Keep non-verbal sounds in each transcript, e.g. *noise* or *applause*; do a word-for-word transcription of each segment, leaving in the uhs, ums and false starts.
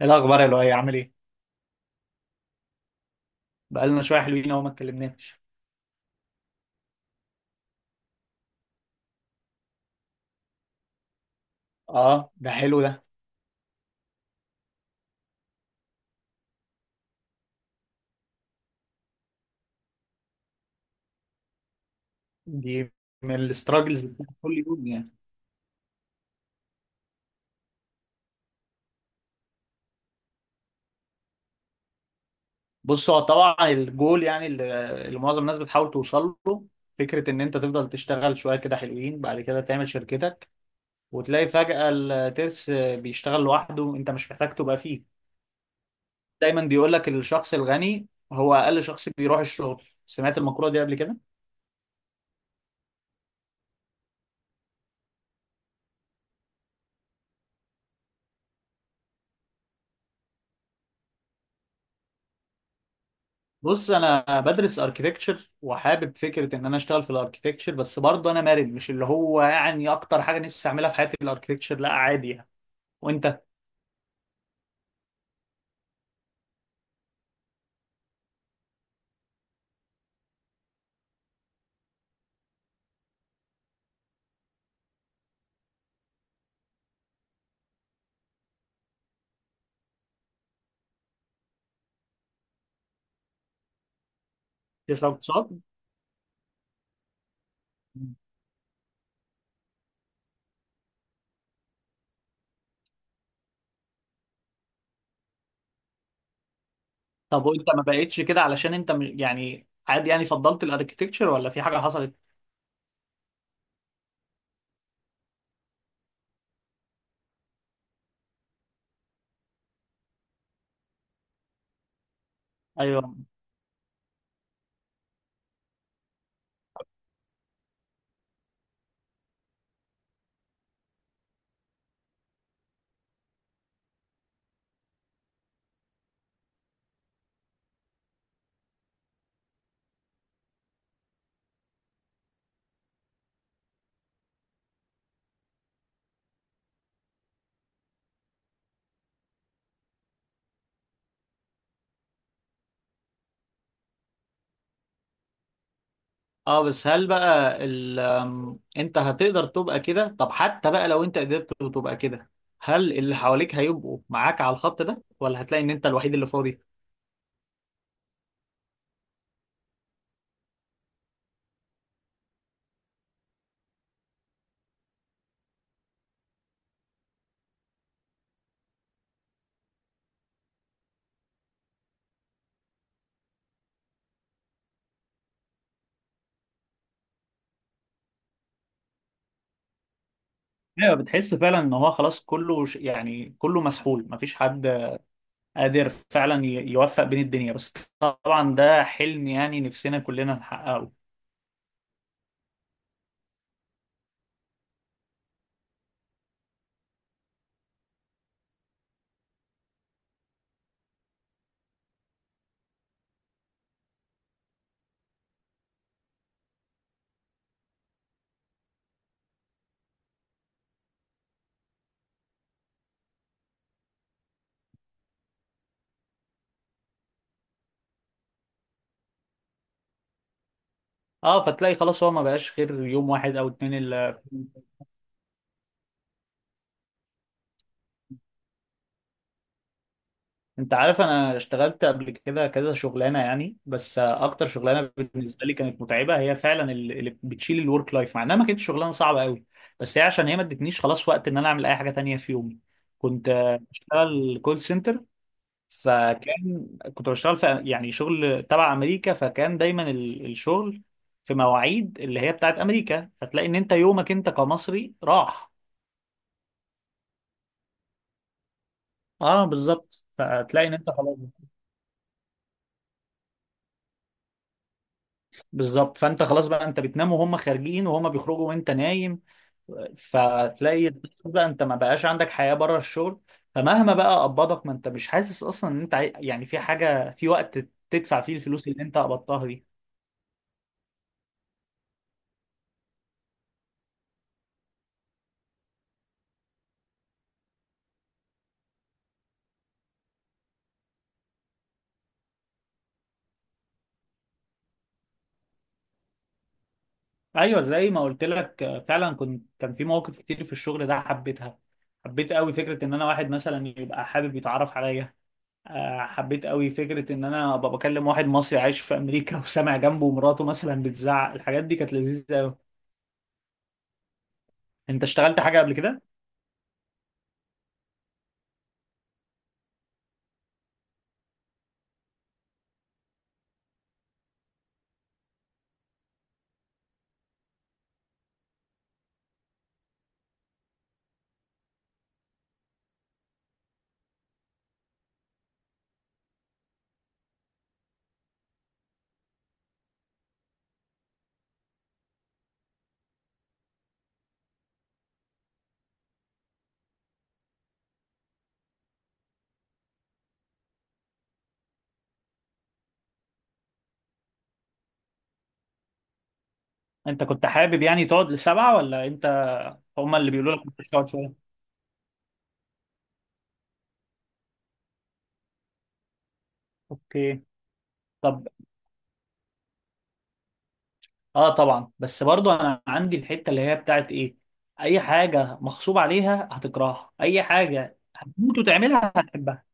إيه الاخبار يا لؤي، عامل ايه؟ بقالنا شويه حلوين اهو ما اتكلمناش. اه، ده حلو ده. دي من الاستراجلز كل يوم يعني. بص، هو طبعا الجول يعني اللي اللي معظم الناس بتحاول توصل له فكره ان انت تفضل تشتغل شويه كده حلوين، بعد كده تعمل شركتك وتلاقي فجاه الترس بيشتغل لوحده، انت مش محتاج تبقى فيه. دايما بيقول لك الشخص الغني هو اقل شخص بيروح الشغل. سمعت المقوله دي قبل كده؟ بص، انا بدرس اركيتكتشر وحابب فكره ان انا اشتغل في الاركيتكتشر، بس برضه انا مرن. مش اللي هو يعني اكتر حاجه نفسي اعملها في حياتي الاركيتكتشر، لا عادي يعني. وانت؟ لسه اقتصاد. طب وانت ما بقتش كده علشان انت م- يعني عادي يعني فضلت الاركيتكتشر، ولا في حاجه حصلت؟ ايوه. اه بس هل بقى ال... أم، انت هتقدر تبقى كده؟ طب حتى بقى لو انت قدرت تبقى كده، هل اللي حواليك هيبقوا معاك على الخط ده، ولا هتلاقي ان انت الوحيد اللي فاضي؟ ايوه، بتحس فعلا ان هو خلاص كله ش- يعني كله مسحول، مفيش حد قادر فعلا ي- يوفق بين الدنيا، بس طبعا ده حلم يعني نفسنا كلنا نحققه. اه، فتلاقي خلاص هو ما بقاش غير يوم واحد او اتنين اللي. انت عارف انا اشتغلت قبل كده كذا شغلانه يعني، بس اكتر شغلانه بالنسبه لي كانت متعبه هي فعلا ال- اللي بتشيل الورك لايف، مع انها ما كانتش شغلانه صعبه قوي. بس هي عشان هي ما ادتنيش خلاص وقت ان انا اعمل اي حاجه تانية في يومي. كنت آه، بشتغل كول سنتر. فكان كنت بشتغل في يعني شغل تبع امريكا، فكان دايما ال- الشغل في مواعيد اللي هي بتاعت امريكا، فتلاقي ان انت يومك انت كمصري راح. اه بالظبط، فتلاقي ان انت خلاص. بالظبط، فانت خلاص بقى انت بتنام وهم خارجين، وهم بيخرجوا وانت نايم. فتلاقي بقى انت ما بقاش عندك حياة بره الشغل، فمهما بقى قبضك ما انت مش حاسس اصلا ان انت عاي- يعني في حاجة في وقت تدفع فيه الفلوس اللي انت قبضتها دي. ايوه، زي ما قلت لك، آه، فعلا كنت كان في مواقف كتير في الشغل ده حبيتها. حبيت قوي فكره ان انا واحد مثلا يبقى حابب يتعرف عليا. آه، حبيت قوي فكره ان انا ابقى بكلم واحد مصري عايش في امريكا *laughs* وسامع جنبه مراته مثلا بتزعق. الحاجات دي كانت لذيذه قوي. انت اشتغلت حاجه قبل كده؟ انت كنت حابب يعني تقعد لسبعه، ولا انت هما اللي بيقولوا لك مش تقعد شويه؟ اوكي. طب اه طبعا، بس برضو انا عندي الحته اللي هي بتاعت ايه: اي حاجه مغصوب عليها هتكرهها، اي حاجه هتموت وتعملها هتحبها.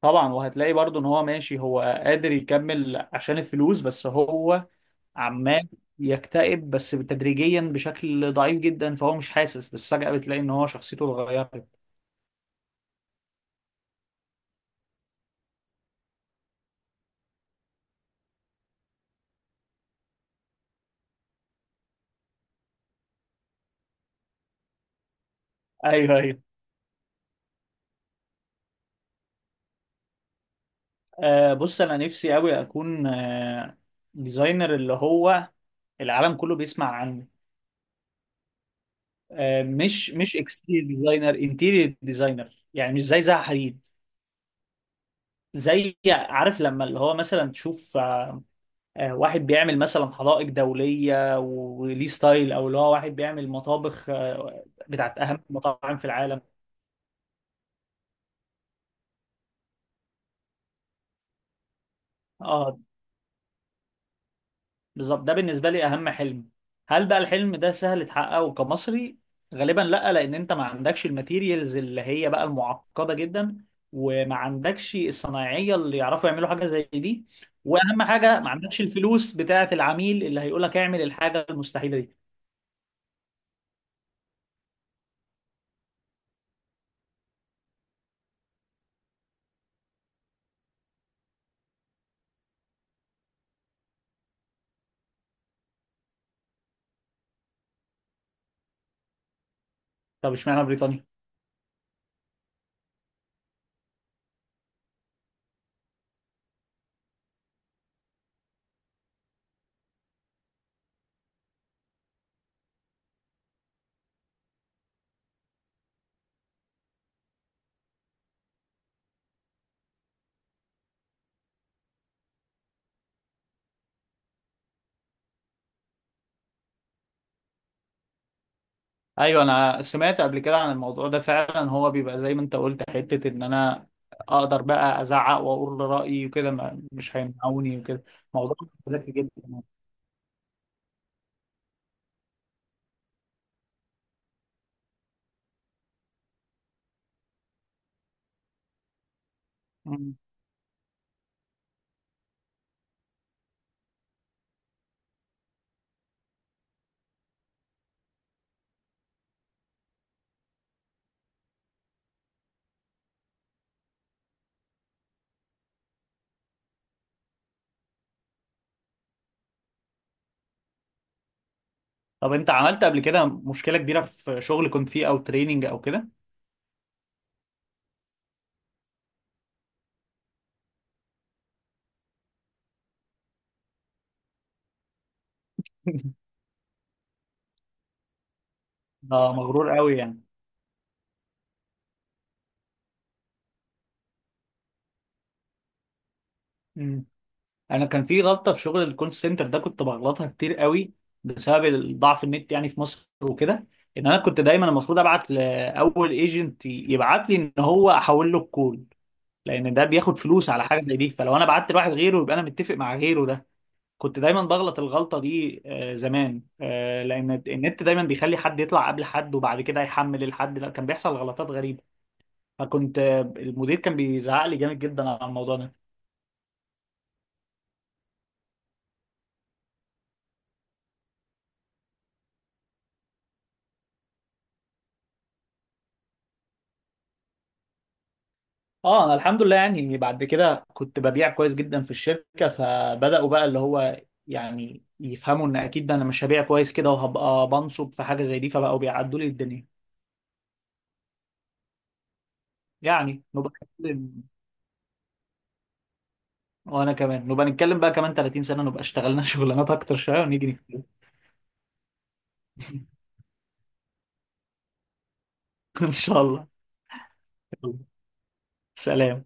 طبعا، وهتلاقي برضو ان هو ماشي، هو قادر يكمل عشان الفلوس، بس هو عمال يكتئب بس تدريجيا بشكل ضعيف جدا فهو مش حاسس. بس فجأة بتلاقي ان هو شخصيته اتغيرت. ايوه ايوه. آه، بص، انا نفسي قوي اكون آه ديزاينر اللي هو العالم كله بيسمع عنه. آه، مش مش اكستيريور ديزاينر، انتيريور ديزاينر، يعني مش زي زها حديد. زي، عارف لما اللي هو مثلا تشوف آه، آه، واحد بيعمل مثلا حدائق دولية وليه ستايل، او اللي هو واحد بيعمل مطابخ آه، بتاعت اهم المطاعم في العالم. اه بالظبط، ده بالنسبة لي أهم حلم. هل بقى الحلم ده سهل تحققه كمصري؟ غالبا لأ، لأن أنت ما عندكش الماتيريالز اللي هي بقى المعقدة جدا، وما عندكش الصنايعية اللي يعرفوا يعملوا حاجة زي دي، وأهم حاجة ما عندكش الفلوس بتاعة العميل اللي هيقول لك اعمل الحاجة المستحيلة دي. طب اشمعنى بريطانيا؟ أيوه، أنا سمعت قبل كده عن الموضوع ده. فعلا هو بيبقى زي ما أنت قلت، حتة إن أنا أقدر بقى أزعق وأقول رأيي وكده، ما- مش هيمنعوني وكده. موضوع ذكي جدا. مم. طب انت عملت قبل كده مشكلة كبيرة في شغل كنت فيه او تريننج او كده؟ *laughs* اه، مغرور قوي يعني. مم. انا كان في غلطة في شغل الكول سنتر ده كنت بغلطها كتير قوي بسبب ضعف النت يعني في مصر وكده. ان انا كنت دايما المفروض ابعت لاول ايجنت يبعت لي ان هو احول له الكول، لان ده بياخد فلوس على حاجة زي دي. فلو انا بعت لواحد غيره يبقى انا متفق مع غيره ده. كنت دايما بغلط الغلطة دي آه، زمان، آه، لأن النت دايما بيخلي حد يطلع قبل حد، وبعد كده يحمل الحد، لا كان بيحصل غلطات غريبة. فكنت آه، المدير كان بيزعق لي جامد جدا على الموضوع ده. اه، انا الحمد لله يعني بعد كده كنت ببيع كويس جدا في الشركة، فبدأوا بقى اللي هو يعني يفهموا ان اكيد انا مش هبيع كويس كده وهبقى بنصب في حاجة زي دي، فبقوا بيعدوا لي الدنيا. يعني نبقى نتكلم، وانا كمان نبقى نتكلم بقى كمان 30 سنة، نبقى اشتغلنا *laughs* شغلانات اكتر شوية، ونيجي نتكلم. *laughs* ان شاء الله. سلام.